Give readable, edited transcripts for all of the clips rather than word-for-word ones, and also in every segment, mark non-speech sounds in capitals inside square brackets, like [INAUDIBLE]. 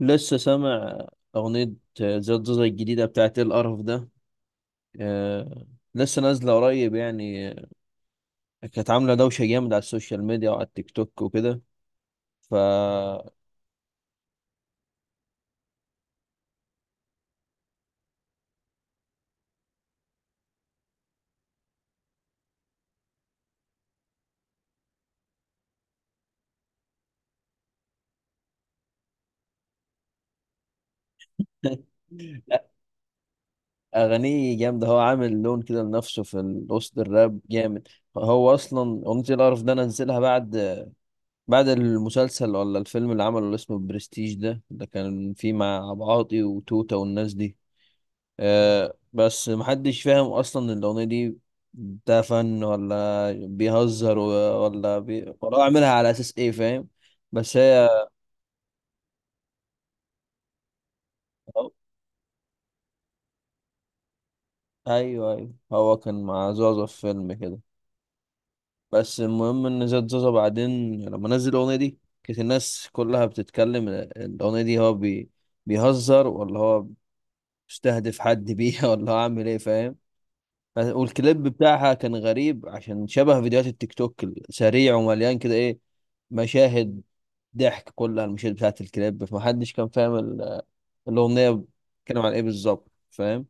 لسه سامع أغنية زياد زوزة الجديدة بتاعت إيه القرف ده؟ آه، لسه نازلة قريب يعني. آه، كانت عاملة دوشة جامدة على السوشيال ميديا وعلى التيك توك وكده ف [LAUGHS] أغانيه جامدة، هو عامل لون كده لنفسه في وسط الراب جامد. هو أصلا أغنية إيه القرف ده نزلها بعد المسلسل ولا الفيلم اللي عمله اللي اسمه برستيج ده كان فيه مع أبو عاطي وتوتة والناس دي. آه بس محدش فاهم اصلا الاغنيه دي. ده فن ولا بيهزر ولا ولا هو عاملها على اساس ايه، فاهم؟ بس هي. ايوه ايوه، هو كان مع زوزة في فيلم كده. بس المهم ان زاد زوزة بعدين لما نزل الاغنيه دي كانت الناس كلها بتتكلم. الاغنيه دي هو بيهزر ولا هو بيستهدف حد بيها [LAUGHS] ولا هو عامل ايه، فاهم؟ والكليب بتاعها كان غريب عشان شبه فيديوهات التيك توك، سريع ومليان كده ايه، مشاهد ضحك كلها المشاهد بتاعت الكليب. فمحدش كان فاهم الأغنية بتتكلم عن ايه بالظبط، فاهم؟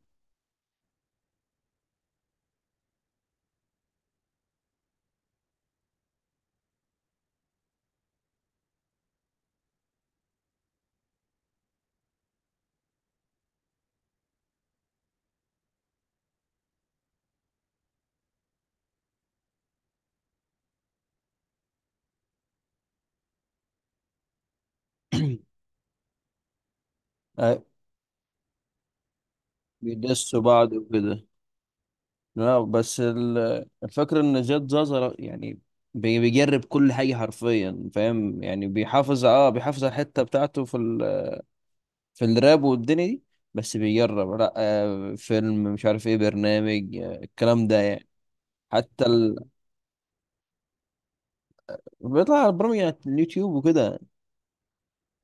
[CLEARS THROAT] آه، بيدسوا بعض وكده. لا، بس الفكرة ان زياد زازا يعني بيجرب كل حاجة حرفيا، فاهم؟ يعني بيحافظ على الحتة بتاعته في في الراب والدنيا دي. بس بيجرب لا آه فيلم، مش عارف ايه، برنامج آه الكلام ده يعني. حتى بيطلع برامج على اليوتيوب وكده.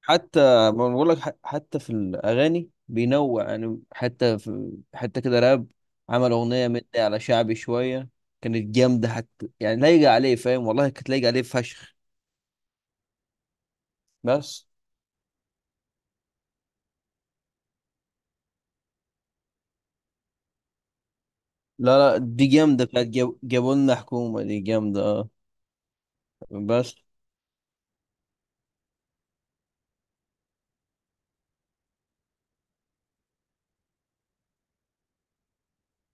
حتى ما بقول لك، حتى في الاغاني بينوع، يعني حتى في حتى كده راب عمل اغنيه مني على شعبي شويه. كانت جامده، حتى يعني لايقه عليه، فاهم؟ والله كانت لايقه عليه فشخ. بس لا لا، دي جامده بتاعت جابوا لنا حكومه، دي جامده اه. بس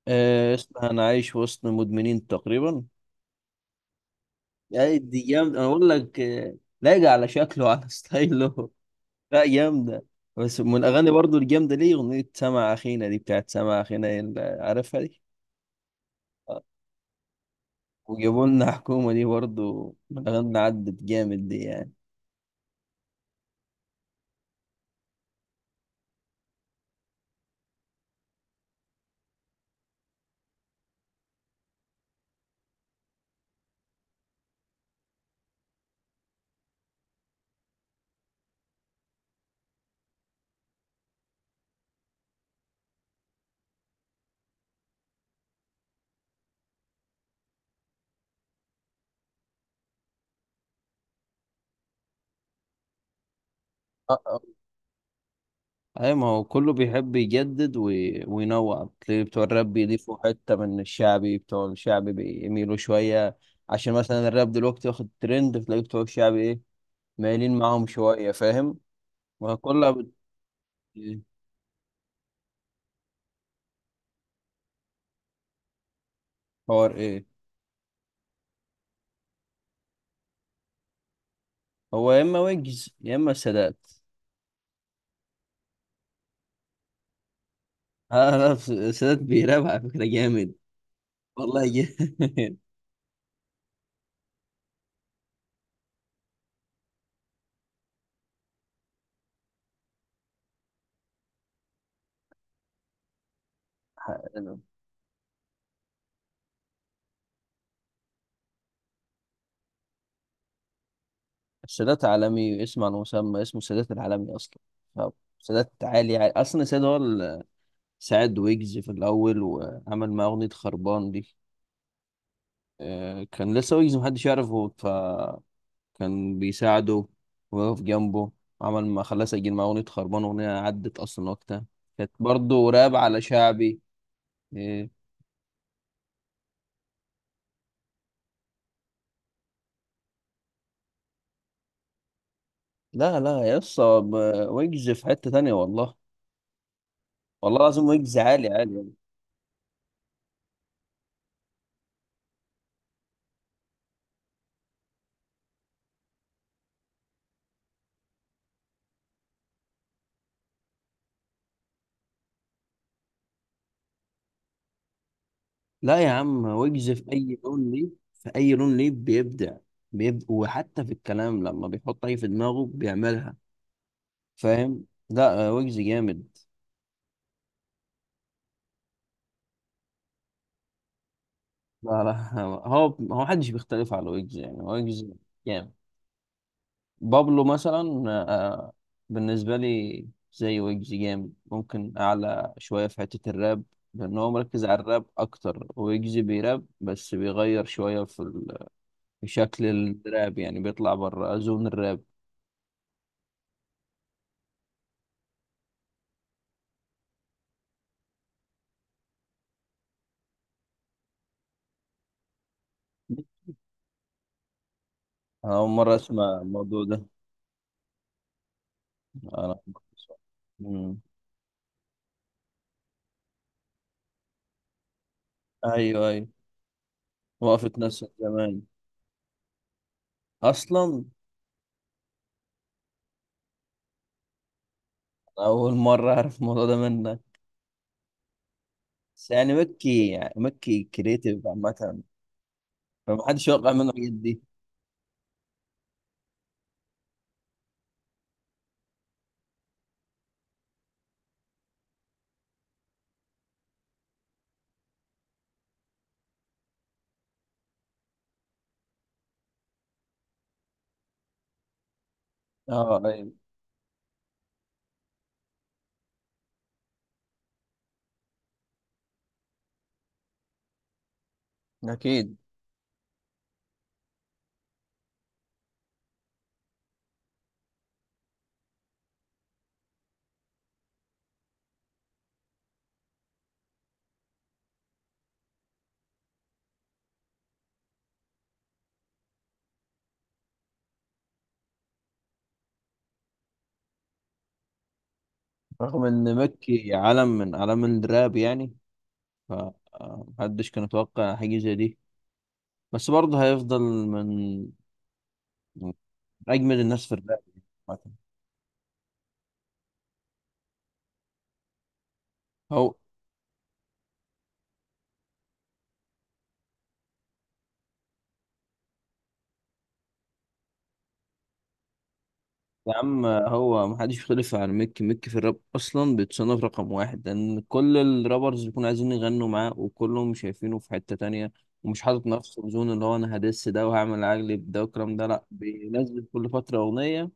آه اسمها انا عايش وسط مدمنين تقريبا. يعني دي جامده، انا بقول لك آه، لايقه على شكله على [LAUGHS] ستايله. لا، جامدة. بس من الأغاني برضو الجامدة ليه أغنية سمع أخينا دي، بتاعت سمع أخينا اللي عارفها دي. آه. وجابوا لنا حكومة دي برضو من الأغاني اللي عدت جامد دي يعني. آه، آه. أي ما هو كله بيحب يجدد وينوع. تلاقي بتوع الراب بيضيفوا حتة من الشعبي، بتوع الشعبي بيميلوا شوية. عشان مثلا الراب دلوقتي واخد ترند، تلاقي بتوع الشعبي إيه، مايلين معاهم شوية، فاهم؟ وكلها حوار إيه؟ هو يا إما ويجز يا إما السادات. اه لا، السادات بيراب على فكرة جامد، والله جامد [LAUGHS] السادات عالمي، اسم على مسمى، اسمه السادات العالمي اصلا. ف- سادات عالي, عالي اصلا. السادات هو اللي ساعد ويجز في الاول وعمل معاه اغنية خربان دي. آه، كان لسه ويجز محدش يعرفه، فكان بيساعده ويقف جنبه. عمل ما خلاه سجل معاه اغنية خربان، اغنية عدت اصلا وقتها، كانت برضه راب على شعبي. إيه. لا لا يا اسطى، ويجز في حتة تانية والله. والله العظيم ويجز عالي عالي يعني. لا يا عم، ويجز في اي لون ليه، في اي لون ليه بيبدع. بيبدع وحتى في الكلام لما بيحط اي في دماغه بيعملها، فاهم؟ لا آه، ويجز جامد. لا لا [LAUGHS] هو محدش بيختلف على ويجز يعني، ويجز جامد. بابلو مثلا آه، بالنسبة لي زي ويجز جامد، ممكن اعلى شوية في حتة الراب لان هو مركز على الراب اكتر. ويجز بيراب بس بيغير شوية في شكل الراب يعني، بيطلع بره زون الراب. أنا أول مرة أسمع الموضوع ده. أنا أول مرة أسمع. مم. أيوه أيوه، وقفت نفسك زمان. أصلا أول مرة أعرف الموضوع ده منك. بس يعني مكي، يعني مكي كريتيف عامة، فمحدش يوقع منه الحاجات دي. أه أيوه. أكيد. رغم إن مكي عالم من أعلام الراب يعني، فمحدش كان يتوقع حاجة زي دي. بس برضه هيفضل من من أجمد الناس في الراب يعني، عامة. هو يا عم، هو محدش يختلف عن ميك. ميك في الراب اصلا بيتصنف رقم واحد لان كل الرابرز بيكونوا عايزين يغنوا معاه، وكلهم شايفينه في حتة تانية. ومش حاطط نفسه في زون اللي هو انا هدس ده وهعمل اجلب ده والكلام ده. لا بينزل كل فترة اغنية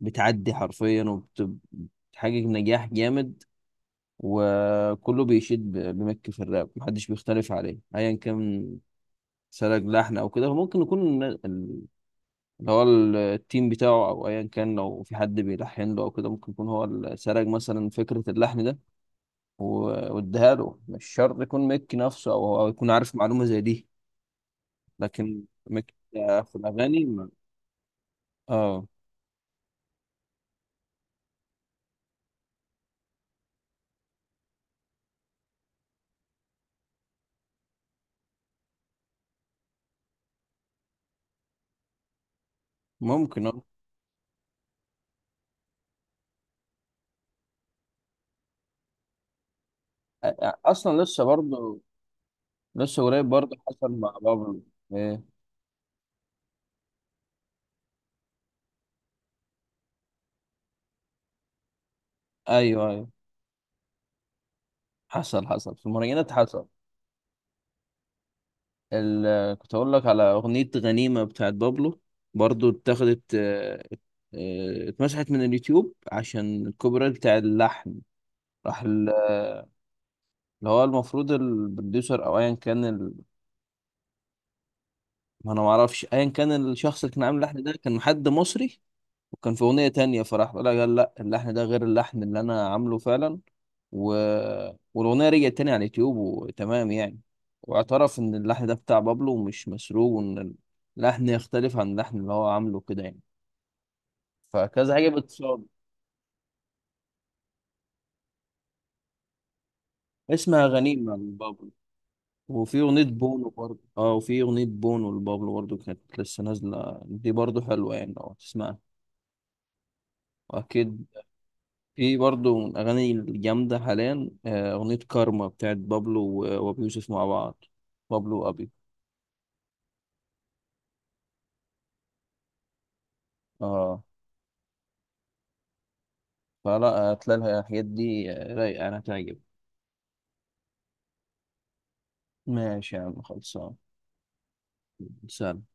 بتعدي حرفيا، وبتحقق نجاح جامد. وكله بيشيد بميك في الراب، محدش بيختلف عليه ايا كان. سلك لحن او كده، ممكن يكون اللي هو التيم بتاعه، او ايا كان لو في حد بيلحن له او كده، ممكن يكون هو اللي سرق مثلا فكره اللحن ده واداها له. مش شرط يكون ميك نفسه، او يكون عارف معلومه زي دي. لكن ميك في الاغاني اه ممكن. آه. اصلا لسه برضه، لسه قريب برضه حصل مع بابلو. إيه. ايوه ايوه، حصل حصل في المراجعات، حصل. كنت اقول لك على اغنيه غنيمه بتاعت بابلو، برضو اتاخدت آه، آه، اتمسحت من اليوتيوب عشان الكوبي رايت بتاع اللحن. راح اللي هو المفروض البروديوسر او ايا كان ما انا ما اعرفش، ايا كان الشخص اللي كان عامل اللحن ده كان حد مصري، وكان في أغنية تانية، فراح قال لا لا، اللحن ده غير اللحن اللي أنا عامله فعلا. و... والأغنية رجعت تاني على اليوتيوب وتمام يعني. واعترف إن اللحن ده بتاع بابلو ومش مسروق، وإن اللحن يختلف عن اللحن اللي هو عامله كده يعني. فكذا حاجة بتصادم. اسمها غنيمة لبابلو. وفي أغنية بونو برضه وفي أغنية بونو لبابلو برضه، كانت لسه نازلة دي، برضه حلوة يعني لو تسمعها. وأكيد في برضه من الأغاني الجامدة حاليا آه، أغنية كارما بتاعت بابلو وأبي يوسف مع بعض. بابلو وأبي. اه، فلا، هتلاقي الحاجات دي آه، رايقة، أنا هتعجب. ماشي يا عم، خلصان. سلام.